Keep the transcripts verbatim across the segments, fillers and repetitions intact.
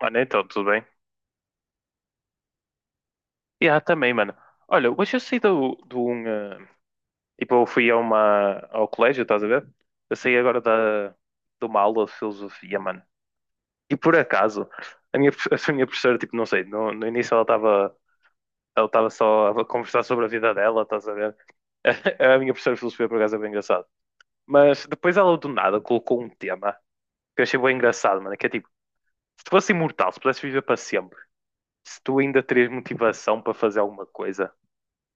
Mano, então, tudo bem? E há também, mano. Olha, hoje eu saí do, do um. eh, tipo, eu fui a uma, ao colégio, estás a ver? Eu saí agora da, de uma aula de filosofia, mano. E por acaso, a minha, profe- a minha professora, tipo, não sei, no, no início ela estava ela estava só a conversar sobre a vida dela, estás a ver? A minha professora de filosofia, por acaso, é bem engraçado. Mas depois ela, do nada, colocou um tema que eu achei bem engraçado, mano, que é tipo, se tu fosse imortal, se pudesses viver para sempre, se tu ainda terias motivação para fazer alguma coisa.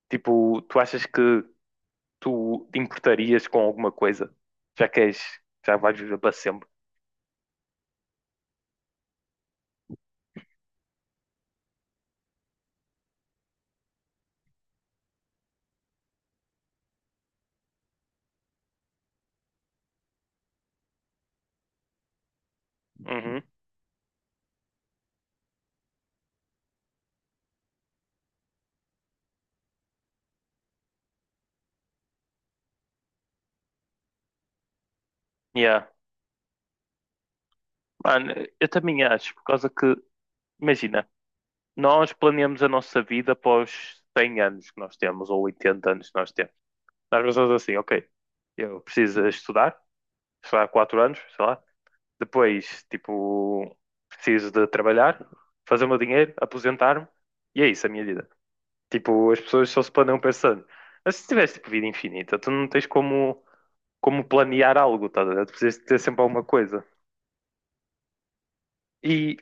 Tipo, tu achas que tu te importarias com alguma coisa? Já que és, já vais viver para sempre. Uhum. Yeah. Mano, eu também acho, por causa que, imagina, nós planeamos a nossa vida após cem anos que nós temos, ou oitenta anos que nós temos. Nós pensamos assim, ok, eu preciso estudar, estudar quatro anos, sei lá. Depois, tipo, preciso de trabalhar, fazer o meu dinheiro, aposentar-me, e é isso a minha vida. Tipo, as pessoas só se planeiam pensando. Mas se tivesse tipo, vida infinita, tu não tens como, como planear algo, tá? A ver? Tu precisas de ter sempre alguma coisa. E,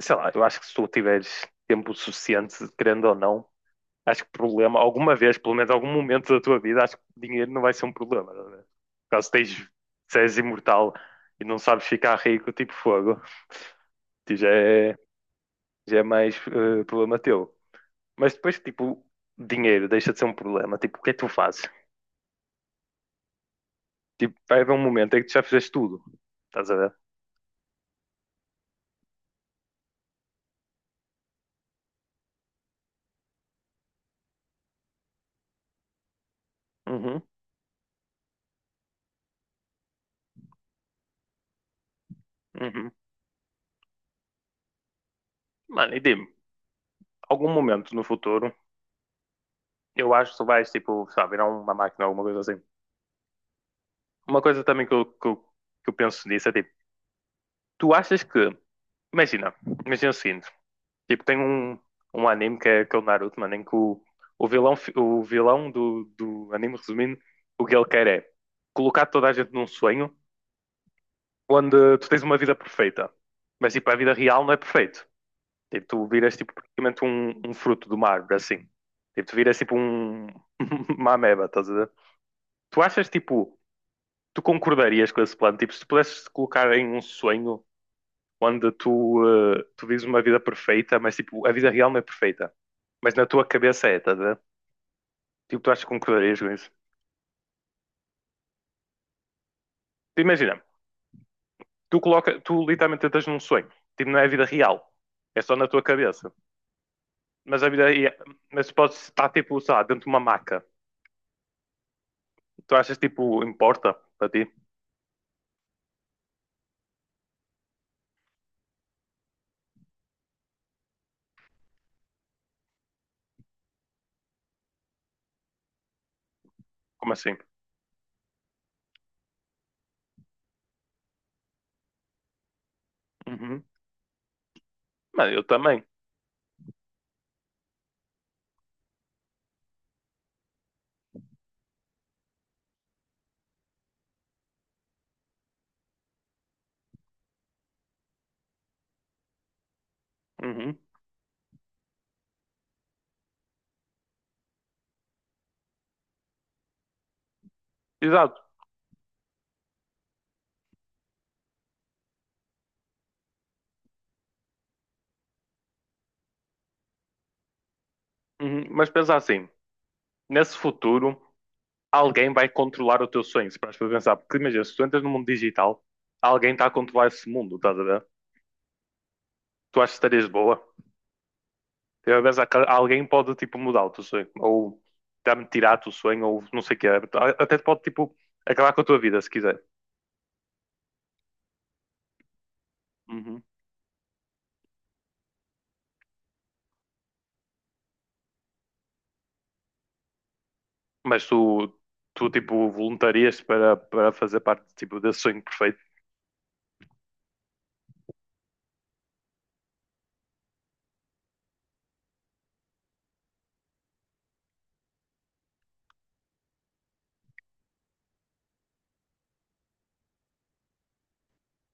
sei lá, eu acho que se tu tiveres tempo suficiente, querendo ou não, acho que problema, alguma vez, pelo menos algum momento da tua vida, acho que dinheiro não vai ser um problema, tá? A ver? Caso tens, se és imortal e não sabes ficar rico, tipo fogo, tu já é, já é mais eh, problema teu. Mas depois, tipo, dinheiro deixa de ser um problema. Tipo, o que é que tu fazes? Tipo, vai haver um momento em que tu já fizeste tudo. Estás a ver? Uhum, uhum. Mano, e dime, algum momento no futuro, eu acho que tu vais, tipo, sei lá, virar uma máquina, alguma coisa assim. Uma coisa também que eu, que eu, que eu penso nisso é, tipo, tu achas que... Imagina, imagina o seguinte. Tipo, tem um, um anime que é, que é o Naruto, mano, em que o, o vilão, fi- o vilão do, do anime, resumindo, o que ele quer é colocar toda a gente num sonho onde tu tens uma vida perfeita. Mas, tipo, a vida real não é perfeita. Tipo, tu viras tipo praticamente um, um fruto de uma árvore, assim. Tipo, tu viras tipo um, uma ameba, estás a ver? Tu achas tipo, tu concordarias com esse plano? Tipo, se tu pudesses te colocar em um sonho onde tu, eh, tu vives uma vida perfeita, mas tipo, a vida real não é perfeita. Mas na tua cabeça é, estás a ver? Tipo, tu achas que concordarias com isso? Tu imagina, tu coloca, tu literalmente estás num sonho. Tipo, não é a vida real. É só na tua cabeça. Mas a vida, ia- mas tu podes estar tipo, sei lá, dentro de uma maca. Tu achas tipo, importa para ti? Como assim? Uhum. Mano, eu também. Uhum. Exato. Uhum. Mas pensa assim, nesse futuro, alguém vai controlar o teu sonho, se paras para pensar. Porque imagina, se tu, entras no mundo digital, alguém está a controlar esse mundo, estás a ver? Tu achas que estarias boa? Eu penso que alguém pode, tipo, mudar o teu sonho. Ou dar-me tirar o teu sonho, ou não sei o quê. Até pode, tipo, acabar com a tua vida, se quiser. Uhum. Mas tu, tu, tipo, voluntarias para, para fazer parte, tipo, desse sonho perfeito?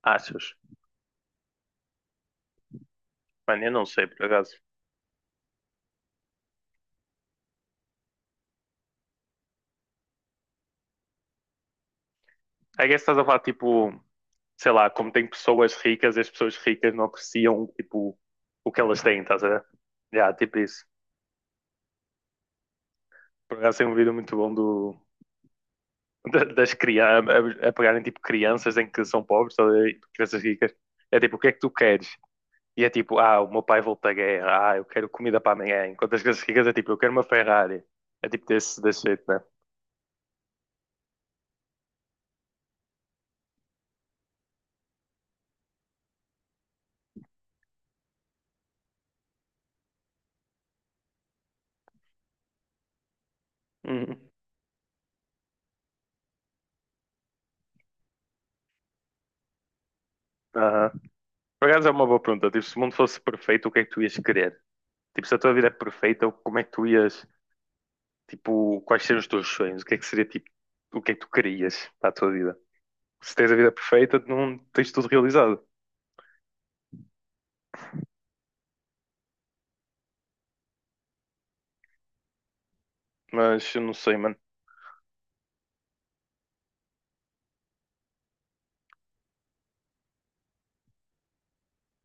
Achas? Mano, eu não sei, por acaso. I guess estás a falar, tipo, sei lá, como tem pessoas ricas, as pessoas ricas não apreciam, tipo, o que elas têm, estás a ver? Yeah, tipo isso. Por acaso tem um vídeo muito bom do, da- das crianças, a, a pegarem, tipo, crianças em que são pobres, estás a ver? Tipo, crianças ricas. É tipo, o que é que tu queres? E é tipo, ah, o meu pai volta da guerra, ah, eu quero comida para amanhã. Enquanto as crianças ricas é tipo, eu quero uma Ferrari. É tipo desse, desse jeito, né? Uhum. Aham. Por acaso é uma boa pergunta. Tipo, se o mundo fosse perfeito, o que é que tu ias querer? Tipo, se a tua vida é perfeita, como é que tu ias. Tipo, quais seriam os teus sonhos? O que é que seria tipo, o que é que tu querias para a tua vida? Se tens a vida perfeita, não tens tudo realizado. Mas eu não sei, mano.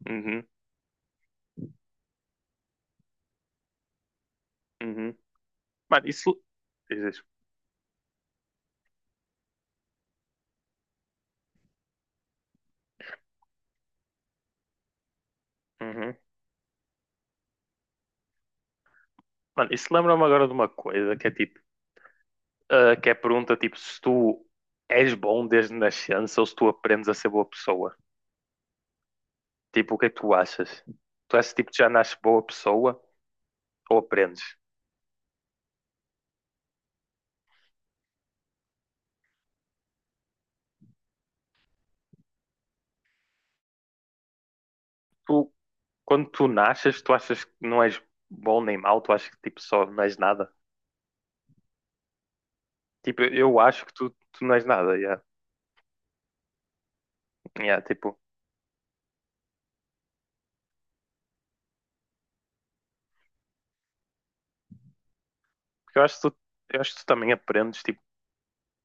Uhum, uhum. Mano, isso. Diz isso. Uhum. Mano, isso lembra-me agora de uma coisa que é tipo, ah, que é a pergunta tipo, se tu és bom desde nascença ou se tu aprendes a ser boa pessoa. Tipo, o que é que tu achas? Tu achas tipo que já nasces boa pessoa ou aprendes? Tu, quando tu nasces, tu achas que não és bom nem mau, tu achas que tipo só não és nada? Tipo, eu acho que tu, tu não és nada, yeah. Yeah, tipo, porque eu acho que tu, eu acho que tu também aprendes, tipo,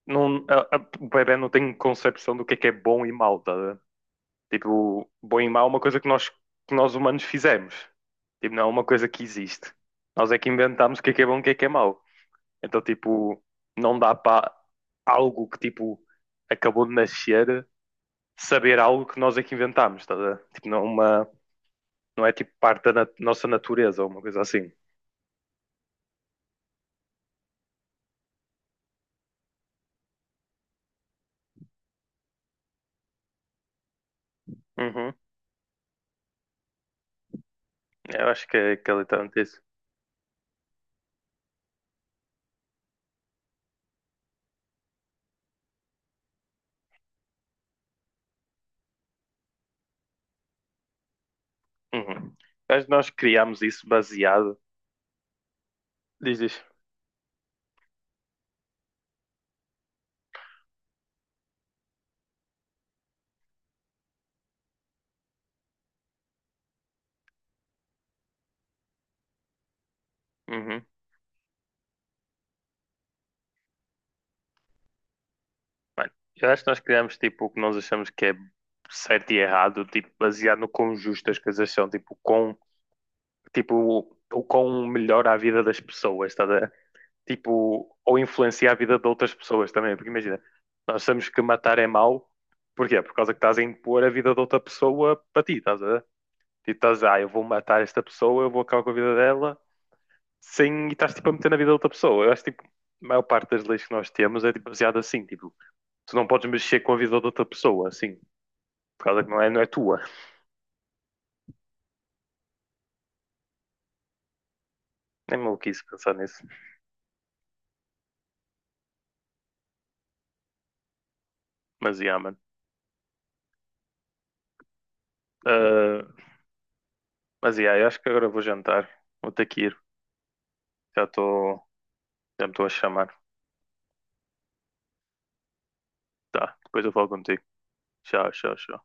não, a- a- o bebé não tem concepção do que é que é bom e mau, tá? A ver? Tipo, bom e mau é uma coisa que nós, que nós humanos fizemos. Tipo, não é uma coisa que existe. Nós é que inventamos o que é que é bom e o que é que é mau. Então, tipo, não dá para algo que, tipo, acabou de nascer saber algo que nós é que inventámos, tá? A ver? Tipo, não é uma, não é tipo parte da nat- nossa natureza ou uma coisa assim. Uhum. Eu acho que é, que é literalmente isso. Uhum. Eu acho que nós criámos isso baseado. Diz isso. Uhum. Mano, eu acho que nós criámos tipo o que nós achamos que é certo e errado, tipo, baseado no quão justo as coisas são, tipo, com, tipo, o o quão melhora a vida das pessoas, tá, a ver? Tipo, ou influencia a vida de outras pessoas também, porque imagina, nós achamos que matar é mau, porquê? Por causa que estás a impor a vida de outra pessoa para ti, estás a ver? Tipo, estás, ah, eu vou matar esta pessoa, eu vou acabar com a vida dela sem e estás tipo a meter na vida de outra pessoa. Eu acho que tipo, a maior parte das leis que nós temos é tipo, baseada assim, tipo, tu não podes mexer com a vida de outra pessoa, assim, por causa que não é, não é tua. É maluquice pensar nisso. Mas yeah, mano. Ah, mas yeah, eu acho que agora vou jantar. Vou ter que ir. Já estou. Já me estou a chamar. Tá, depois eu falo contigo. Tchau, tchau, tchau.